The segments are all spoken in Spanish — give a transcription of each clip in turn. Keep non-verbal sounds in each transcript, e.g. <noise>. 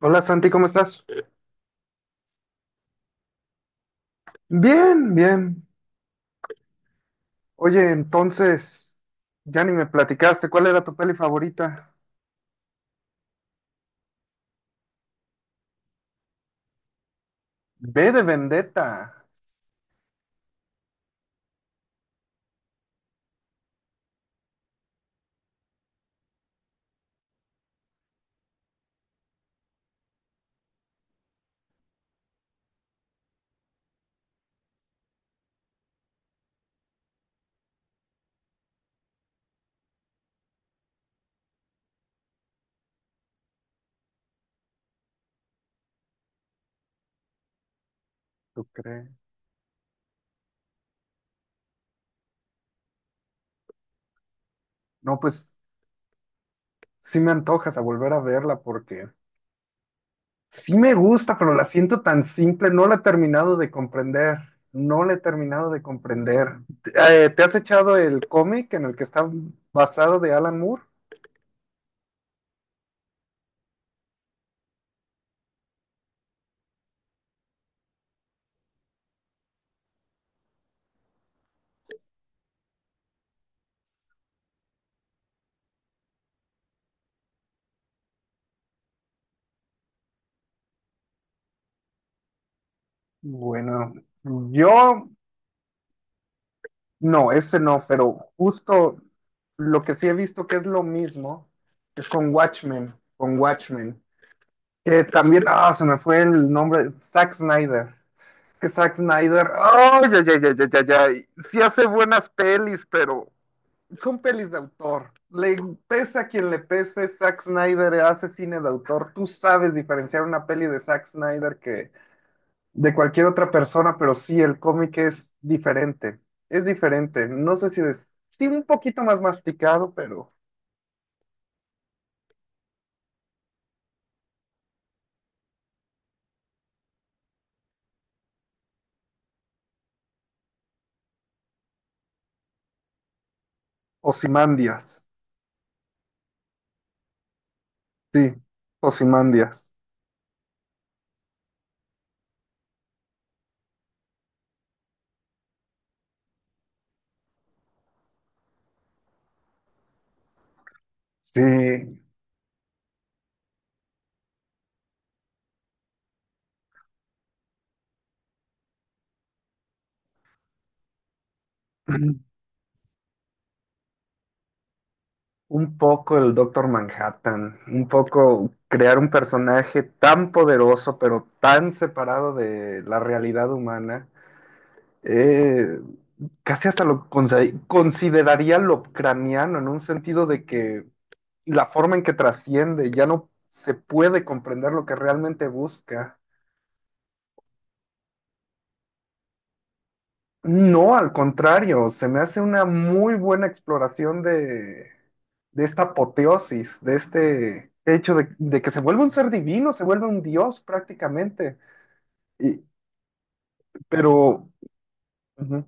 Hola, Santi, ¿cómo estás? Bien, bien. Oye, entonces, ya ni me platicaste, ¿cuál era tu peli favorita? Ve de Vendetta. ¿Tú crees? No, pues sí me antojas a volver a verla porque sí me gusta, pero la siento tan simple, no la he terminado de comprender. ¿Te has echado el cómic en el que está basado de Alan Moore? Bueno, yo. No, ese no, pero justo lo que sí he visto que es lo mismo es con Watchmen. Que también, ah, se me fue el nombre, Zack Snyder. Que Zack Snyder, ay, ya, ya, ya, ya, ya, ya. Sí hace buenas pelis, pero son pelis de autor. Le pese a quien le pese, Zack Snyder hace cine de autor. Tú sabes diferenciar una peli de Zack Snyder que de cualquier otra persona, pero sí, el cómic es diferente. Es diferente. No sé si es, sí, un poquito más masticado, pero Ozymandias. Sí, Ozymandias. Sí, <clears throat> un poco el Doctor Manhattan, un poco crear un personaje tan poderoso, pero tan separado de la realidad humana. Eh, Casi hasta lo consideraría Lovecraniano en un sentido de que y la forma en que trasciende, ya no se puede comprender lo que realmente busca. No, al contrario, se me hace una muy buena exploración de esta apoteosis, de este hecho de que se vuelve un ser divino, se vuelve un dios prácticamente. Y, pero ujú,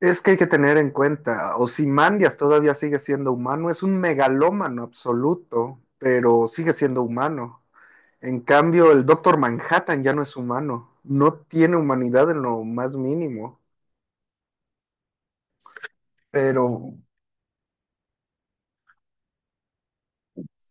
es que hay que tener en cuenta, Ozymandias todavía sigue siendo humano, es un megalómano absoluto, pero sigue siendo humano. En cambio, el Doctor Manhattan ya no es humano, no tiene humanidad en lo más mínimo, pero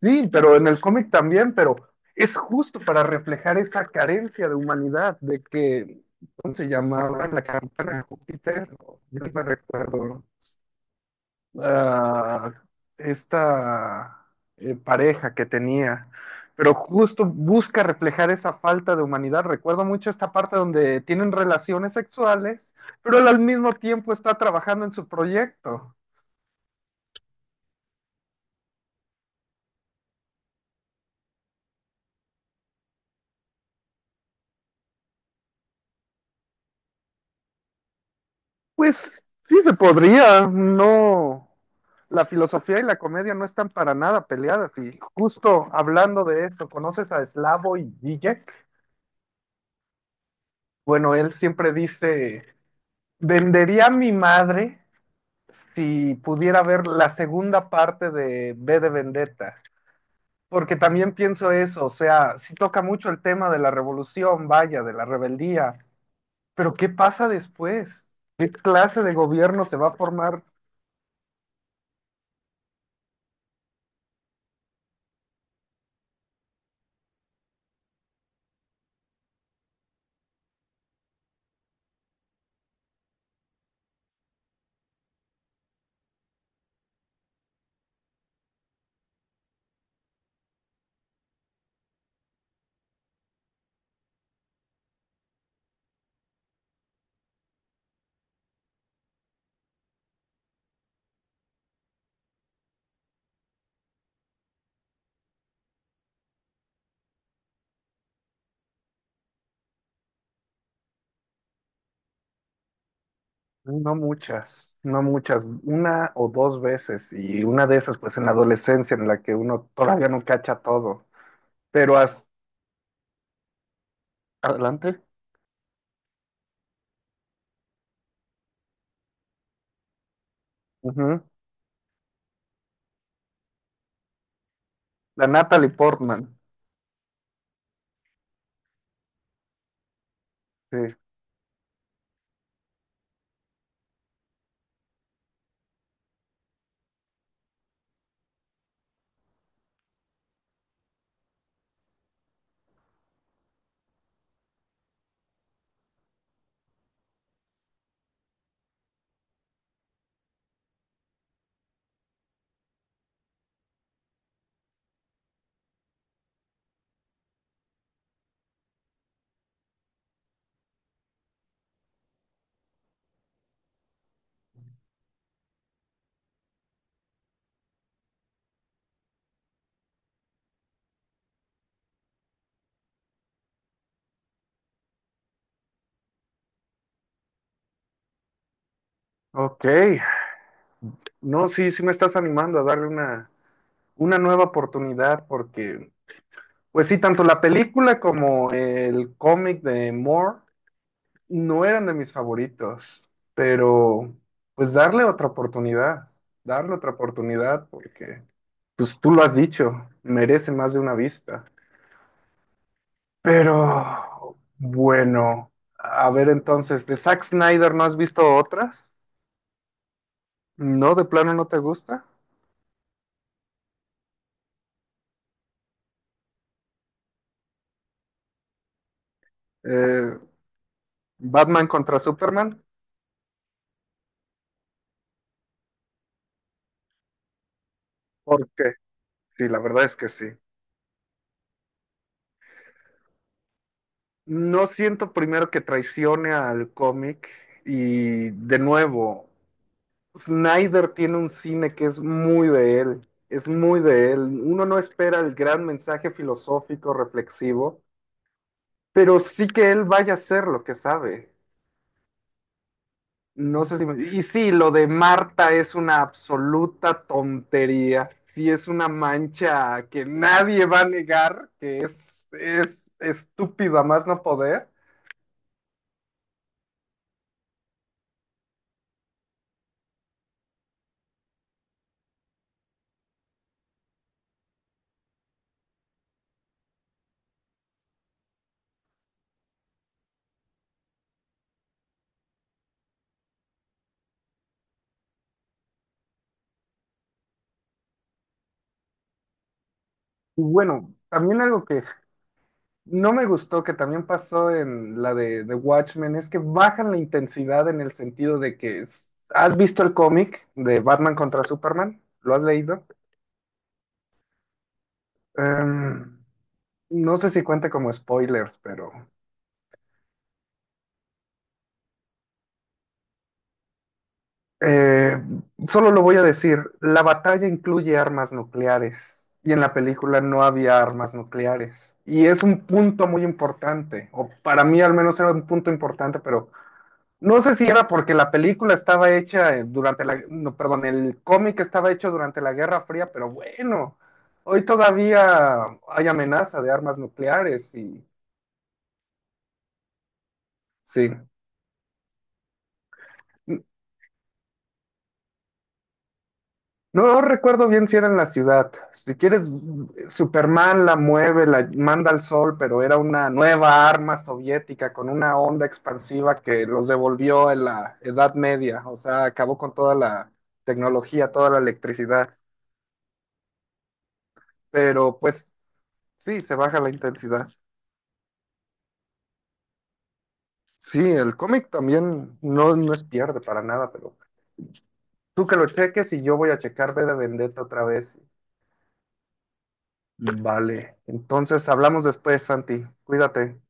sí, pero en el cómic también, pero es justo para reflejar esa carencia de humanidad, de que, ¿cómo se llamaba la campana de Júpiter? No, yo no me recuerdo. Ah, esta pareja que tenía, pero justo busca reflejar esa falta de humanidad. Recuerdo mucho esta parte donde tienen relaciones sexuales, pero él al mismo tiempo está trabajando en su proyecto. Pues sí se podría, no. La filosofía y la comedia no están para nada peleadas. Y justo hablando de esto, ¿conoces a Slavoj Žižek? Bueno, él siempre dice, vendería a mi madre si pudiera ver la segunda parte de B de Vendetta, porque también pienso eso, o sea, si toca mucho el tema de la revolución, vaya, de la rebeldía, pero ¿qué pasa después? ¿Qué clase de gobierno se va a formar? No muchas, no muchas, una o dos veces, y una de esas pues en la adolescencia en la que uno todavía no cacha todo, pero hasta... Adelante. Ujú. La Natalie Portman. Sí. Ok. No, sí, sí me estás animando a darle una nueva oportunidad porque, pues sí, tanto la película como el cómic de Moore no eran de mis favoritos, pero pues darle otra oportunidad porque, pues tú lo has dicho, merece más de una vista. Pero, bueno, a ver entonces, ¿de Zack Snyder no has visto otras? ¿No, de plano no te gusta? Eh, ¿Batman contra Superman? ¿Por qué? Sí, la verdad es que sí. No siento primero que traicione al cómic y de nuevo, Snyder tiene un cine que es muy de él, es muy de él. Uno no espera el gran mensaje filosófico, reflexivo, pero sí que él vaya a hacer lo que sabe. No sé si me... Y sí, lo de Marta es una absoluta tontería, sí es una mancha que nadie va a negar, que es estúpido a más no poder. Y bueno, también algo que no me gustó que también pasó en la de Watchmen, es que bajan la intensidad en el sentido de que es... ¿Has visto el cómic de Batman contra Superman? Lo has leído. Em, no sé si cuenta como spoilers, pero eh, solo lo voy a decir, la batalla incluye armas nucleares y en la película no había armas nucleares. Y es un punto muy importante, o para mí al menos era un punto importante, pero... No sé si era porque la película estaba hecha durante la, no, perdón, el cómic estaba hecho durante la Guerra Fría, pero bueno, hoy todavía hay amenaza de armas nucleares y sí. No, no recuerdo bien si era en la ciudad. Si quieres, Superman la mueve, la manda al sol, pero era una nueva arma soviética con una onda expansiva que los devolvió en la Edad Media, o sea, acabó con toda la tecnología, toda la electricidad. Pero pues sí, se baja la intensidad. Sí, el cómic también no, no es pierde para nada, pero tú que lo cheques y yo voy a checar B de Vendetta otra vez. Vale, entonces hablamos después, Santi. Cuídate.